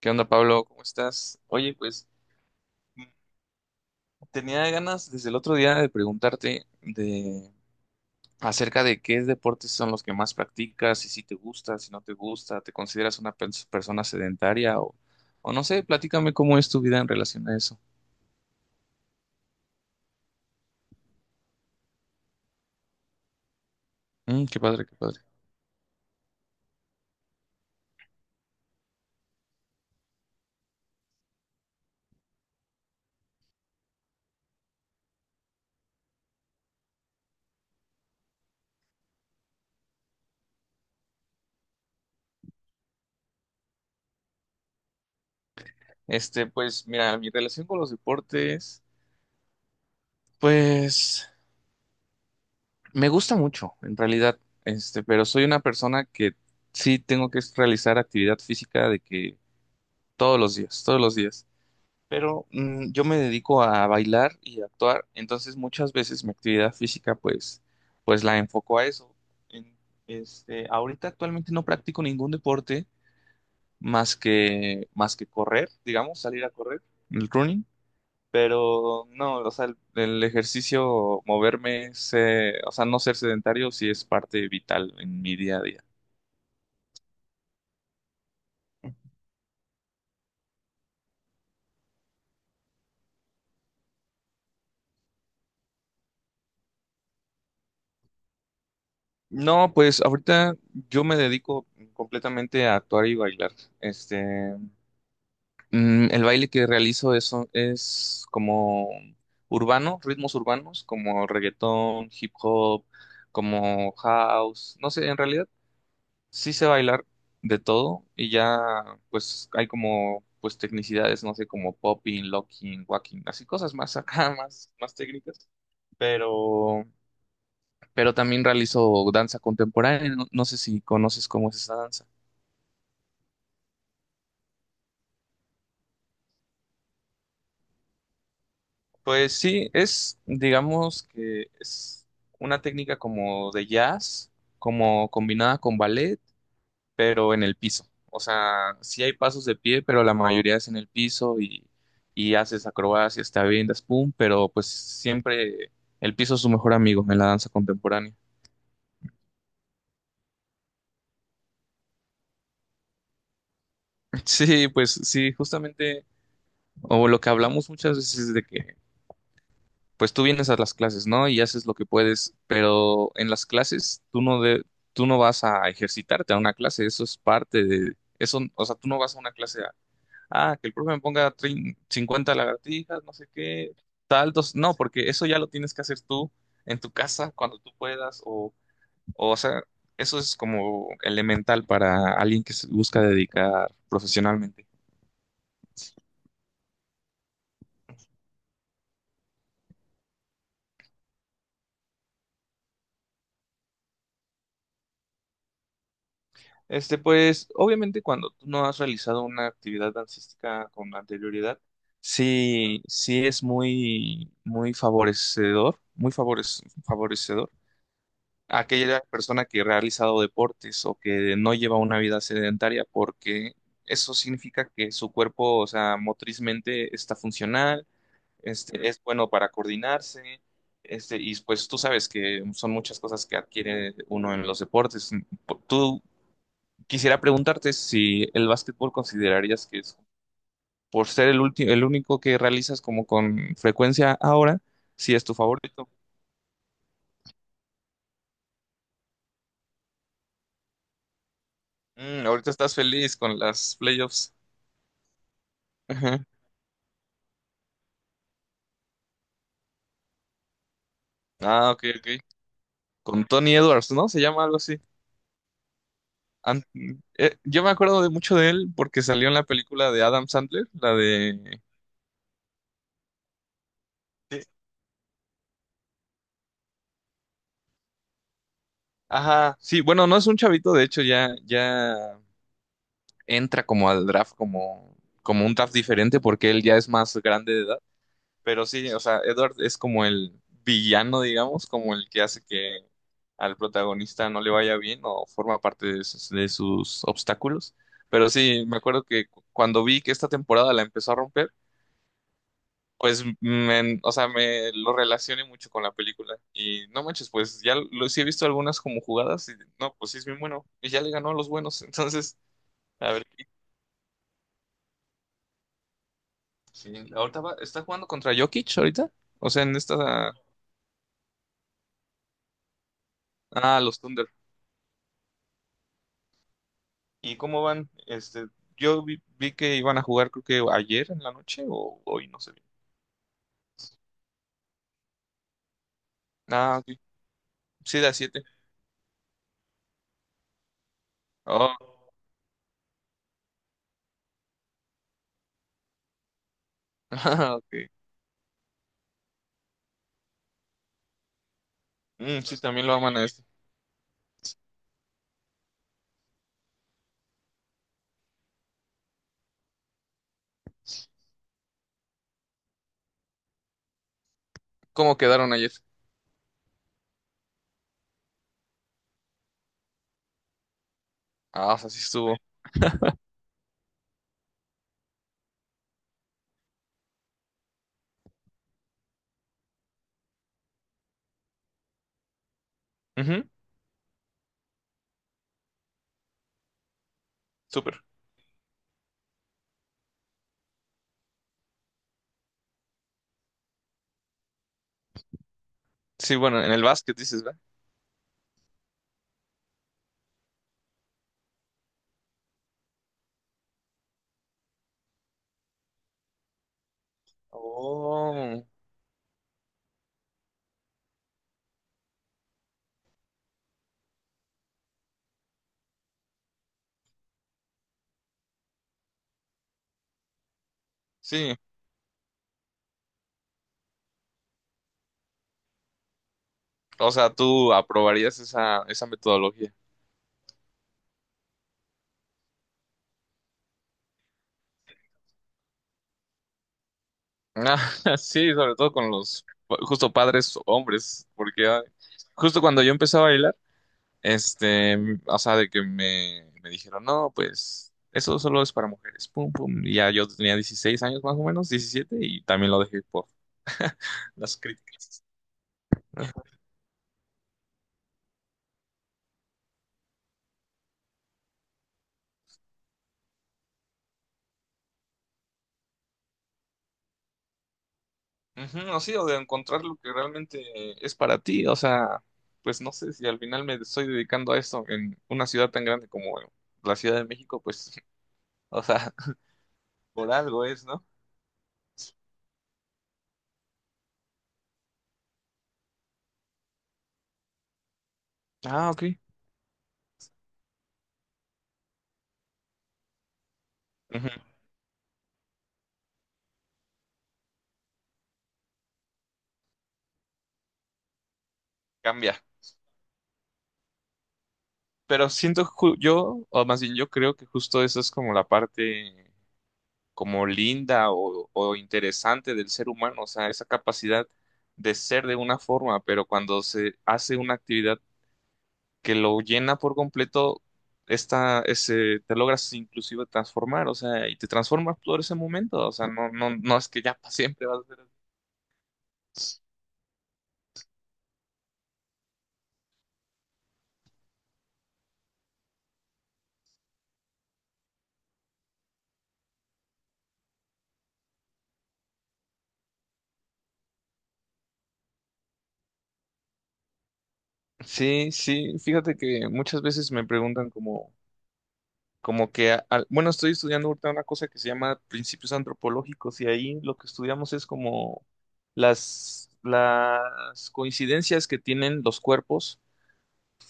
¿Qué onda, Pablo? ¿Cómo estás? Oye, pues tenía ganas desde el otro día de preguntarte de acerca de qué deportes son los que más practicas y si te gusta, si no te gusta, ¿te consideras una persona sedentaria o no sé, platícame cómo es tu vida en relación a eso. Mm, qué padre, qué padre. Este, pues mira, mi relación con los deportes, pues me gusta mucho, en realidad, este, pero soy una persona que sí tengo que realizar actividad física de que todos los días, todos los días. Pero yo me dedico a bailar y a actuar, entonces muchas veces mi actividad física pues, pues la enfoco a eso. En- este, ahorita actualmente no practico ningún deporte más que correr, digamos, salir a correr, el running, pero no, o sea, el ejercicio, moverme, o sea, no ser sedentario sí es parte vital en mi día a día. No, pues ahorita yo me dedico completamente a actuar y bailar. Este, mm, el baile que realizo eso es como urbano, ritmos urbanos, como reggaetón, hip hop, como house. No sé, en realidad sí sé bailar de todo y ya pues hay como pues tecnicidades, no sé, como popping, locking, walking, así cosas más acá, más, más técnicas. Pero, pero también realizo danza contemporánea. No, no sé si conoces cómo es esa danza. Pues sí, es, digamos que es una técnica como de jazz, como combinada con ballet, pero en el piso. O sea, sí hay pasos de pie, pero la mayoría es en el piso y haces acrobacias, te avientas, pum, pero pues siempre el piso es su mejor amigo en la danza contemporánea. Sí, pues sí, justamente, o lo que hablamos muchas veces es de que pues tú vienes a las clases, ¿no? Y haces lo que puedes, pero en las clases tú no vas a ejercitarte a una clase, eso es parte de eso, o sea, tú no vas a una clase a, ah, que el profe me ponga 50 lagartijas, no sé qué, saltos, no, porque eso ya lo tienes que hacer tú en tu casa cuando tú puedas o sea, eso es como elemental para alguien que se busca dedicar profesionalmente. Este, pues, obviamente cuando tú no has realizado una actividad dancística con anterioridad, sí, sí es muy, muy favorecedor, muy favorecedor a aquella persona que ha realizado deportes o que no lleva una vida sedentaria, porque eso significa que su cuerpo, o sea, motrizmente está funcional, este, es bueno para coordinarse, este, y pues tú sabes que son muchas cosas que adquiere uno en los deportes. ¿Tú Quisiera preguntarte si el básquetbol considerarías que es, por ser el último, el único que realizas como con frecuencia ahora, si es tu favorito. Mm, ahorita estás feliz con las playoffs. Ajá. Ah, ok, ok. Con Tony Edwards, ¿no? Se llama algo así. Ant- eh, yo me acuerdo de mucho de él porque salió en la película de Adam Sandler, la de... Sí. Ajá, sí, bueno, no es un chavito, de hecho ya, ya entra como al draft como, como un draft diferente porque él ya es más grande de edad. Pero sí, o sea, Edward es como el villano, digamos, como el que hace que al protagonista no le vaya bien o forma parte de sus obstáculos. Pero sí, me acuerdo que cuando vi que esta temporada la empezó a romper, pues, me, o sea, me lo relacioné mucho con la película. Y no manches, pues ya lo, sí he visto algunas como jugadas y no, pues sí es bien bueno. Y ya le ganó a los buenos. Entonces, a ver, sí, ahorita está jugando contra Jokic ahorita. O sea, en esta... Ah, los Thunder. ¿Y cómo van? Este, yo vi, vi que iban a jugar, creo que ayer en la noche o hoy, no sé bien. Ah, ok. Sí, de a 7. Oh, ah, ok. Mm, sí, también lo aman a este. ¿Cómo quedaron ayer? Ah, o sea, sí estuvo. Ujú, súper. Sí, bueno, en el básquet dices, ¿verdad? Oh, sí. O sea, tú aprobarías esa, esa metodología. Ah, sí, sobre todo con los justo padres hombres, porque ah, justo cuando yo empecé a bailar, este, o sea, de que me dijeron, no, pues eso solo es para mujeres, pum, pum. Y ya yo tenía 16 años más o menos, 17 y también lo dejé por las críticas. Ujú, o sí, o de encontrar lo que realmente es para ti, o sea, pues no sé si al final me estoy dedicando a esto en una ciudad tan grande como la Ciudad de México, pues, o sea, por algo es, ¿no? Ah, ok. Ujú, cambia. Pero siento yo, o más bien yo creo que justo eso es como la parte como linda o interesante del ser humano, o sea, esa capacidad de ser de una forma, pero cuando se hace una actividad que lo llena por completo, esta, ese, te logras inclusive transformar, o sea, y te transformas por ese momento, o sea, no, no, no es que ya para siempre vas a ser así. Sí, sí, fíjate que muchas veces me preguntan como bueno, estoy estudiando ahorita una cosa que se llama principios antropológicos y ahí lo que estudiamos es como las coincidencias que tienen los cuerpos,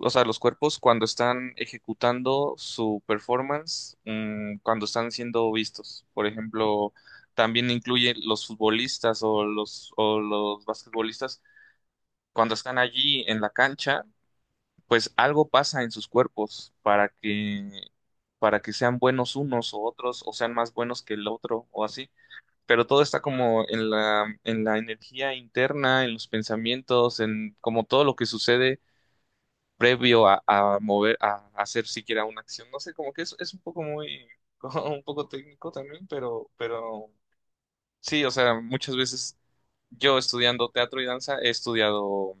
o sea, los cuerpos cuando están ejecutando su performance, cuando están siendo vistos. Por ejemplo, también incluye los futbolistas o los basquetbolistas cuando están allí en la cancha pues algo pasa en sus cuerpos para que sean buenos unos o otros, o sean más buenos que el otro, o así. Pero todo está como en la energía interna, en los pensamientos, en como todo lo que sucede previo a mover, a, hacer siquiera una acción. No sé, como que es un poco muy, como un poco técnico también, pero sí, o sea, muchas veces yo estudiando teatro y danza he estudiado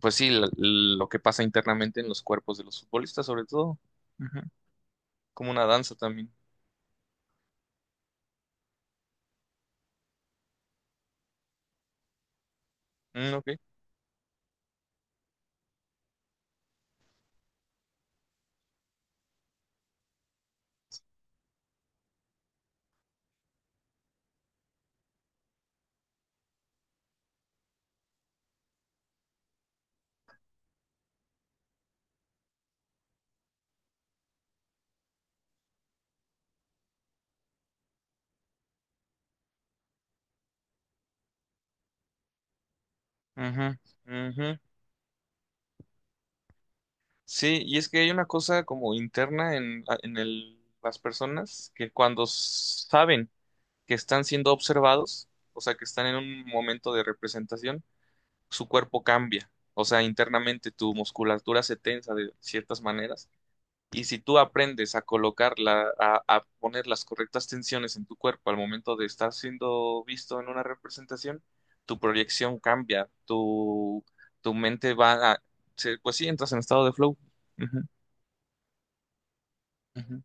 pues sí, lo que pasa internamente en los cuerpos de los futbolistas, sobre todo. Ujú. Como una danza también. Mm, ok. Ujú, ujú. Sí, y es que hay una cosa como interna en, las personas que cuando saben que están siendo observados, o sea, que están en un momento de representación, su cuerpo cambia. O sea, internamente tu musculatura se tensa de ciertas maneras. Y si tú aprendes a colocarla, a poner las correctas tensiones en tu cuerpo al momento de estar siendo visto en una representación, tu proyección cambia, tu mente va a, pues sí, entras en estado de flow. Ujú, ujú.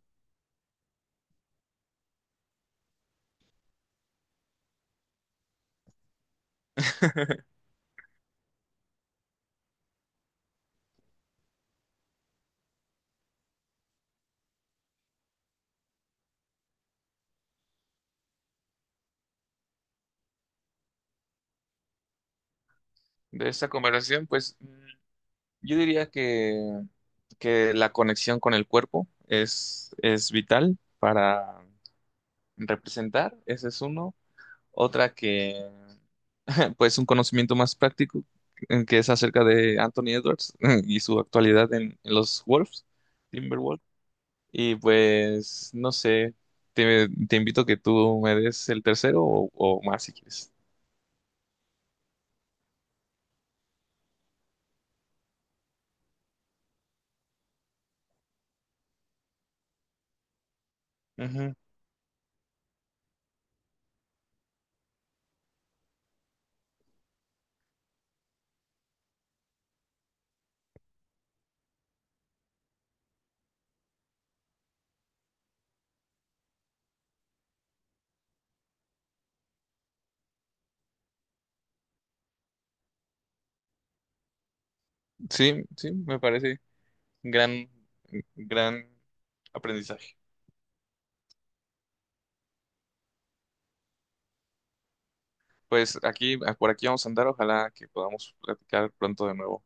De esta conversación, pues mm, yo diría que la conexión con el cuerpo es vital para representar, ese es uno. Otra que, pues, un conocimiento más práctico, que es acerca de Anthony Edwards y su actualidad en los Wolves, Timberwolves. Y pues, no sé, te invito a que tú me des el tercero o más si quieres. Ujú. Sí, sí, me parece gran, gran aprendizaje. Pues aquí, por aquí vamos a andar, ojalá que podamos platicar pronto de nuevo.